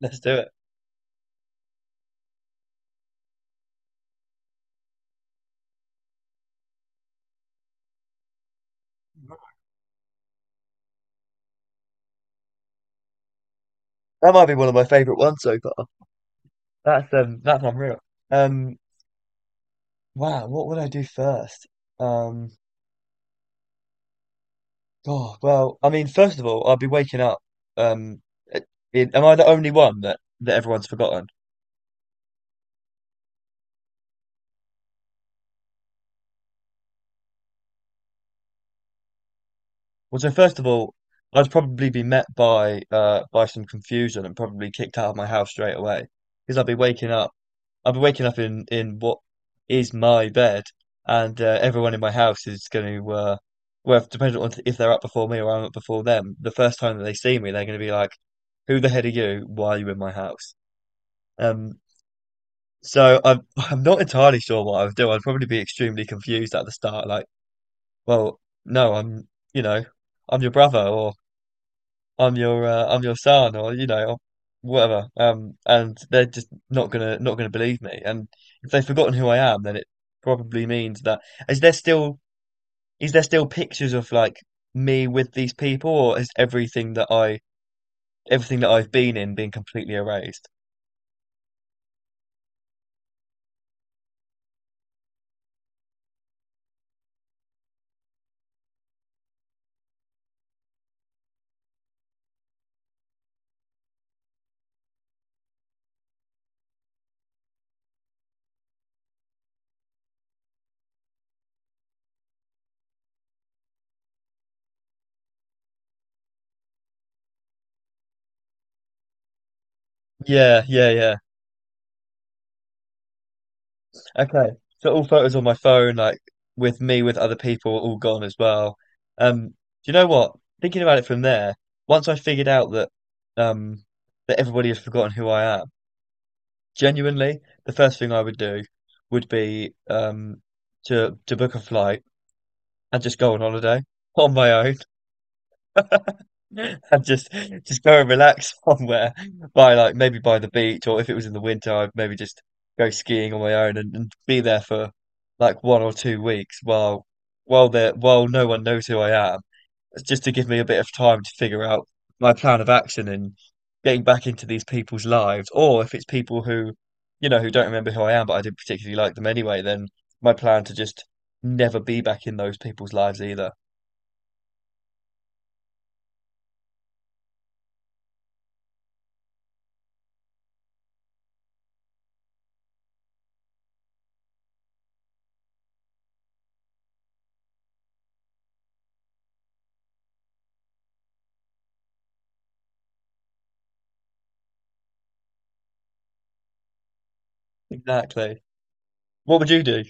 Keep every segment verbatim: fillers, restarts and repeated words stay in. Let's do it. That might be one of my favorite ones so far. That's um, that's unreal. Um, wow, what would I do first? Um, oh, well, I mean, first of all, I'd be waking up. Um, in, am I the only one that that everyone's forgotten? Well, so first of all, I'd probably be met by uh by some confusion and probably kicked out of my house straight away because I'd be waking up I'll be waking up in in what is my bed, and uh, everyone in my house is going to, uh, well, depending on if they're up before me or I'm up before them, the first time that they see me, they're going to be like, "Who the heck are you? Why are you in my house?" Um, so I'm I'm not entirely sure what I would do. I'd probably be extremely confused at the start, like, "Well, no, I'm, you know, I'm your brother," or I'm your uh, I'm your son or you know or whatever um and they're just not gonna not gonna believe me. And if they've forgotten who I am, then it probably means that is there still is there still pictures of like me with these people, or is everything that I everything that I've been in being completely erased? Yeah, yeah, yeah. Okay. So all photos on my phone, like with me, with other people, all gone as well. Um, do you know what? Thinking about it from there, once I figured out that um that everybody has forgotten who I am, genuinely, the first thing I would do would be um to to book a flight and just go on holiday on my own. And just just go and relax somewhere, by like maybe by the beach, or if it was in the winter I'd maybe just go skiing on my own, and, and be there for like one or two weeks while while there while no one knows who I am, just to give me a bit of time to figure out my plan of action and getting back into these people's lives, or if it's people who you know who don't remember who I am, but I didn't particularly like them anyway, then my plan to just never be back in those people's lives either. Exactly. What would you do?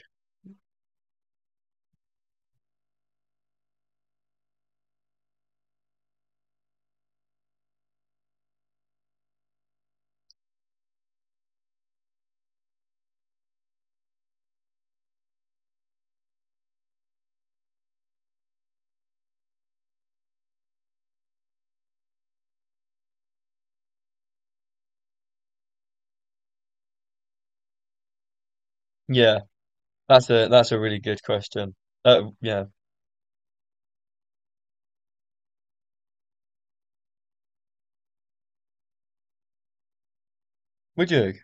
Yeah, that's a that's a really good question. Uh, yeah, would you?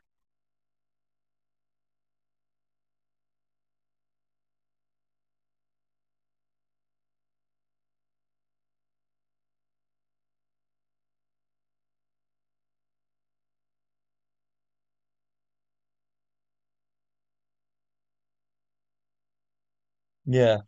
Yeah,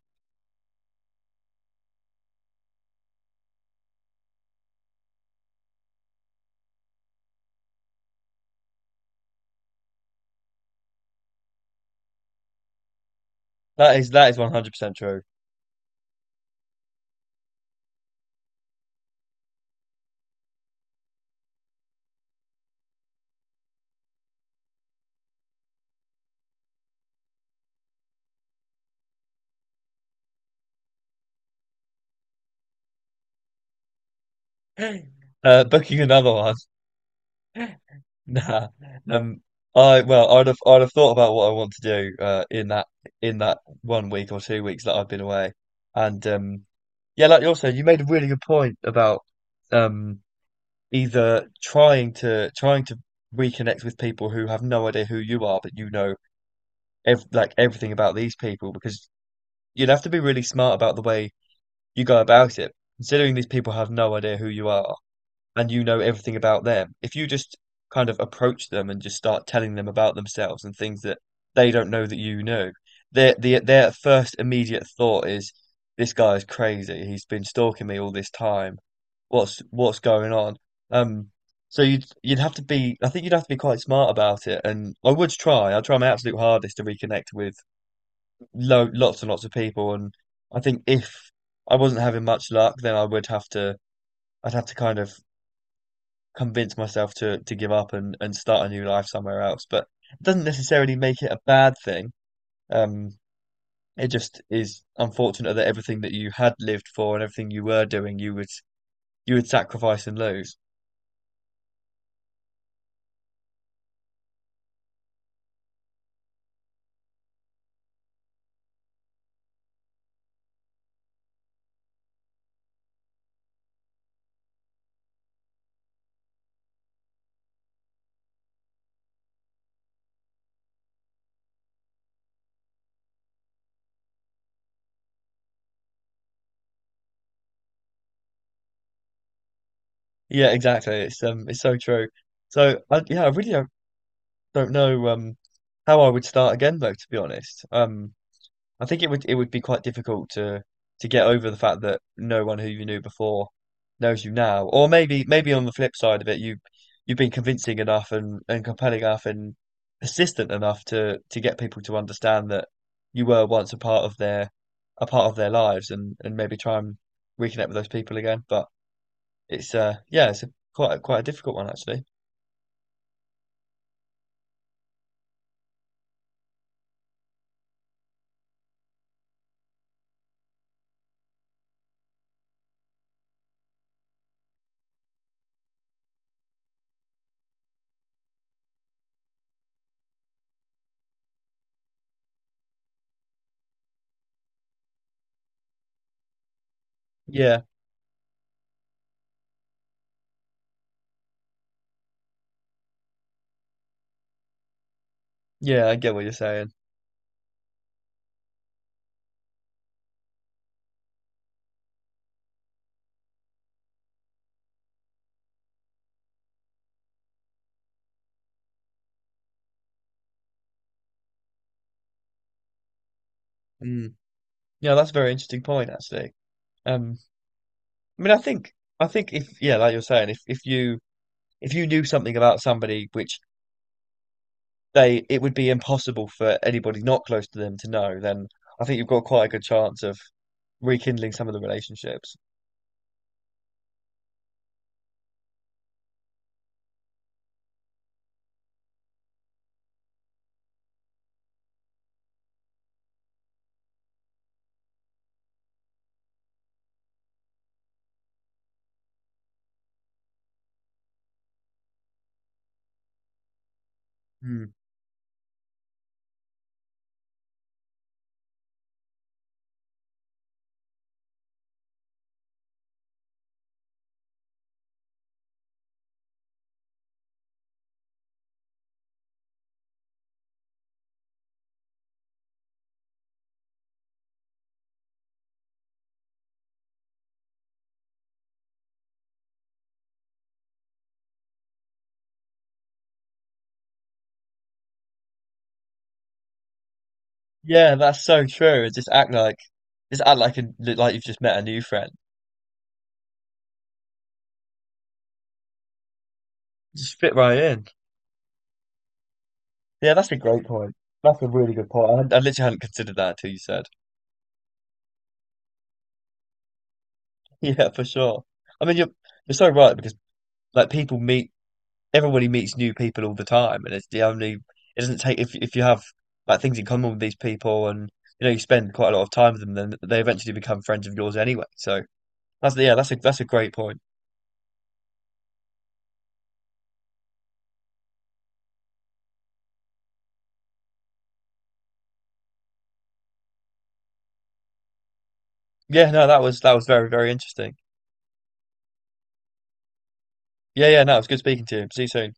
that is that is one hundred percent true. Uh, booking another one. Nah. Um, I well, I'd have I'd have thought about what I want to do uh, in that in that one week or two weeks that I've been away, and um, yeah, like you also you made a really good point about um, either trying to trying to reconnect with people who have no idea who you are, but you know ev like everything about these people, because you'd have to be really smart about the way you go about it. Considering these people have no idea who you are and you know everything about them, if you just kind of approach them and just start telling them about themselves and things that they don't know that you know, their the, their first immediate thought is, "This guy is crazy. He's been stalking me all this time. What's what's going on?" Um, so you'd you'd have to be, I think you'd have to be quite smart about it, and I would try. I'd try my absolute hardest to reconnect with lo lots and lots of people. And I think if I wasn't having much luck, then I would have to I'd have to kind of convince myself to to give up and and start a new life somewhere else. But it doesn't necessarily make it a bad thing. Um, it just is unfortunate that everything that you had lived for and everything you were doing, you would you would sacrifice and lose. Yeah, exactly. It's um, it's so true. So I, yeah, I really don't, don't know um how I would start again though, to be honest. Um, I think it would it would be quite difficult to to get over the fact that no one who you knew before knows you now. Or maybe maybe on the flip side of it, you you've been convincing enough, and, and compelling enough, and persistent enough to to get people to understand that you were once a part of their a part of their lives, and and maybe try and reconnect with those people again. But it's uh yeah, it's a, quite quite a difficult one actually. Yeah, yeah, I get what you're saying. Mm. Yeah, that's a very interesting point actually. Um, I mean, I think I think if yeah, like you're saying, if if you if you knew something about somebody which they it would be impossible for anybody not close to them to know, then I think you've got quite a good chance of rekindling some of the relationships. Hmm. Yeah, that's so true. Just act like just act like a, like you've just met a new friend. Just fit right in. Yeah, that's a great point. That's a really good point. I, hadn't- I literally hadn't considered that until you said. Yeah, for sure. I mean, you're you're so right because like people meet everybody meets new people all the time, and it's the only. It doesn't take if if you have like things in common with these people, and you know you spend quite a lot of time with them, then they eventually become friends of yours anyway. So that's yeah, that's a that's a great point. Yeah, no, that was that was very very interesting. Yeah, yeah, no, it was good speaking to you. See you soon.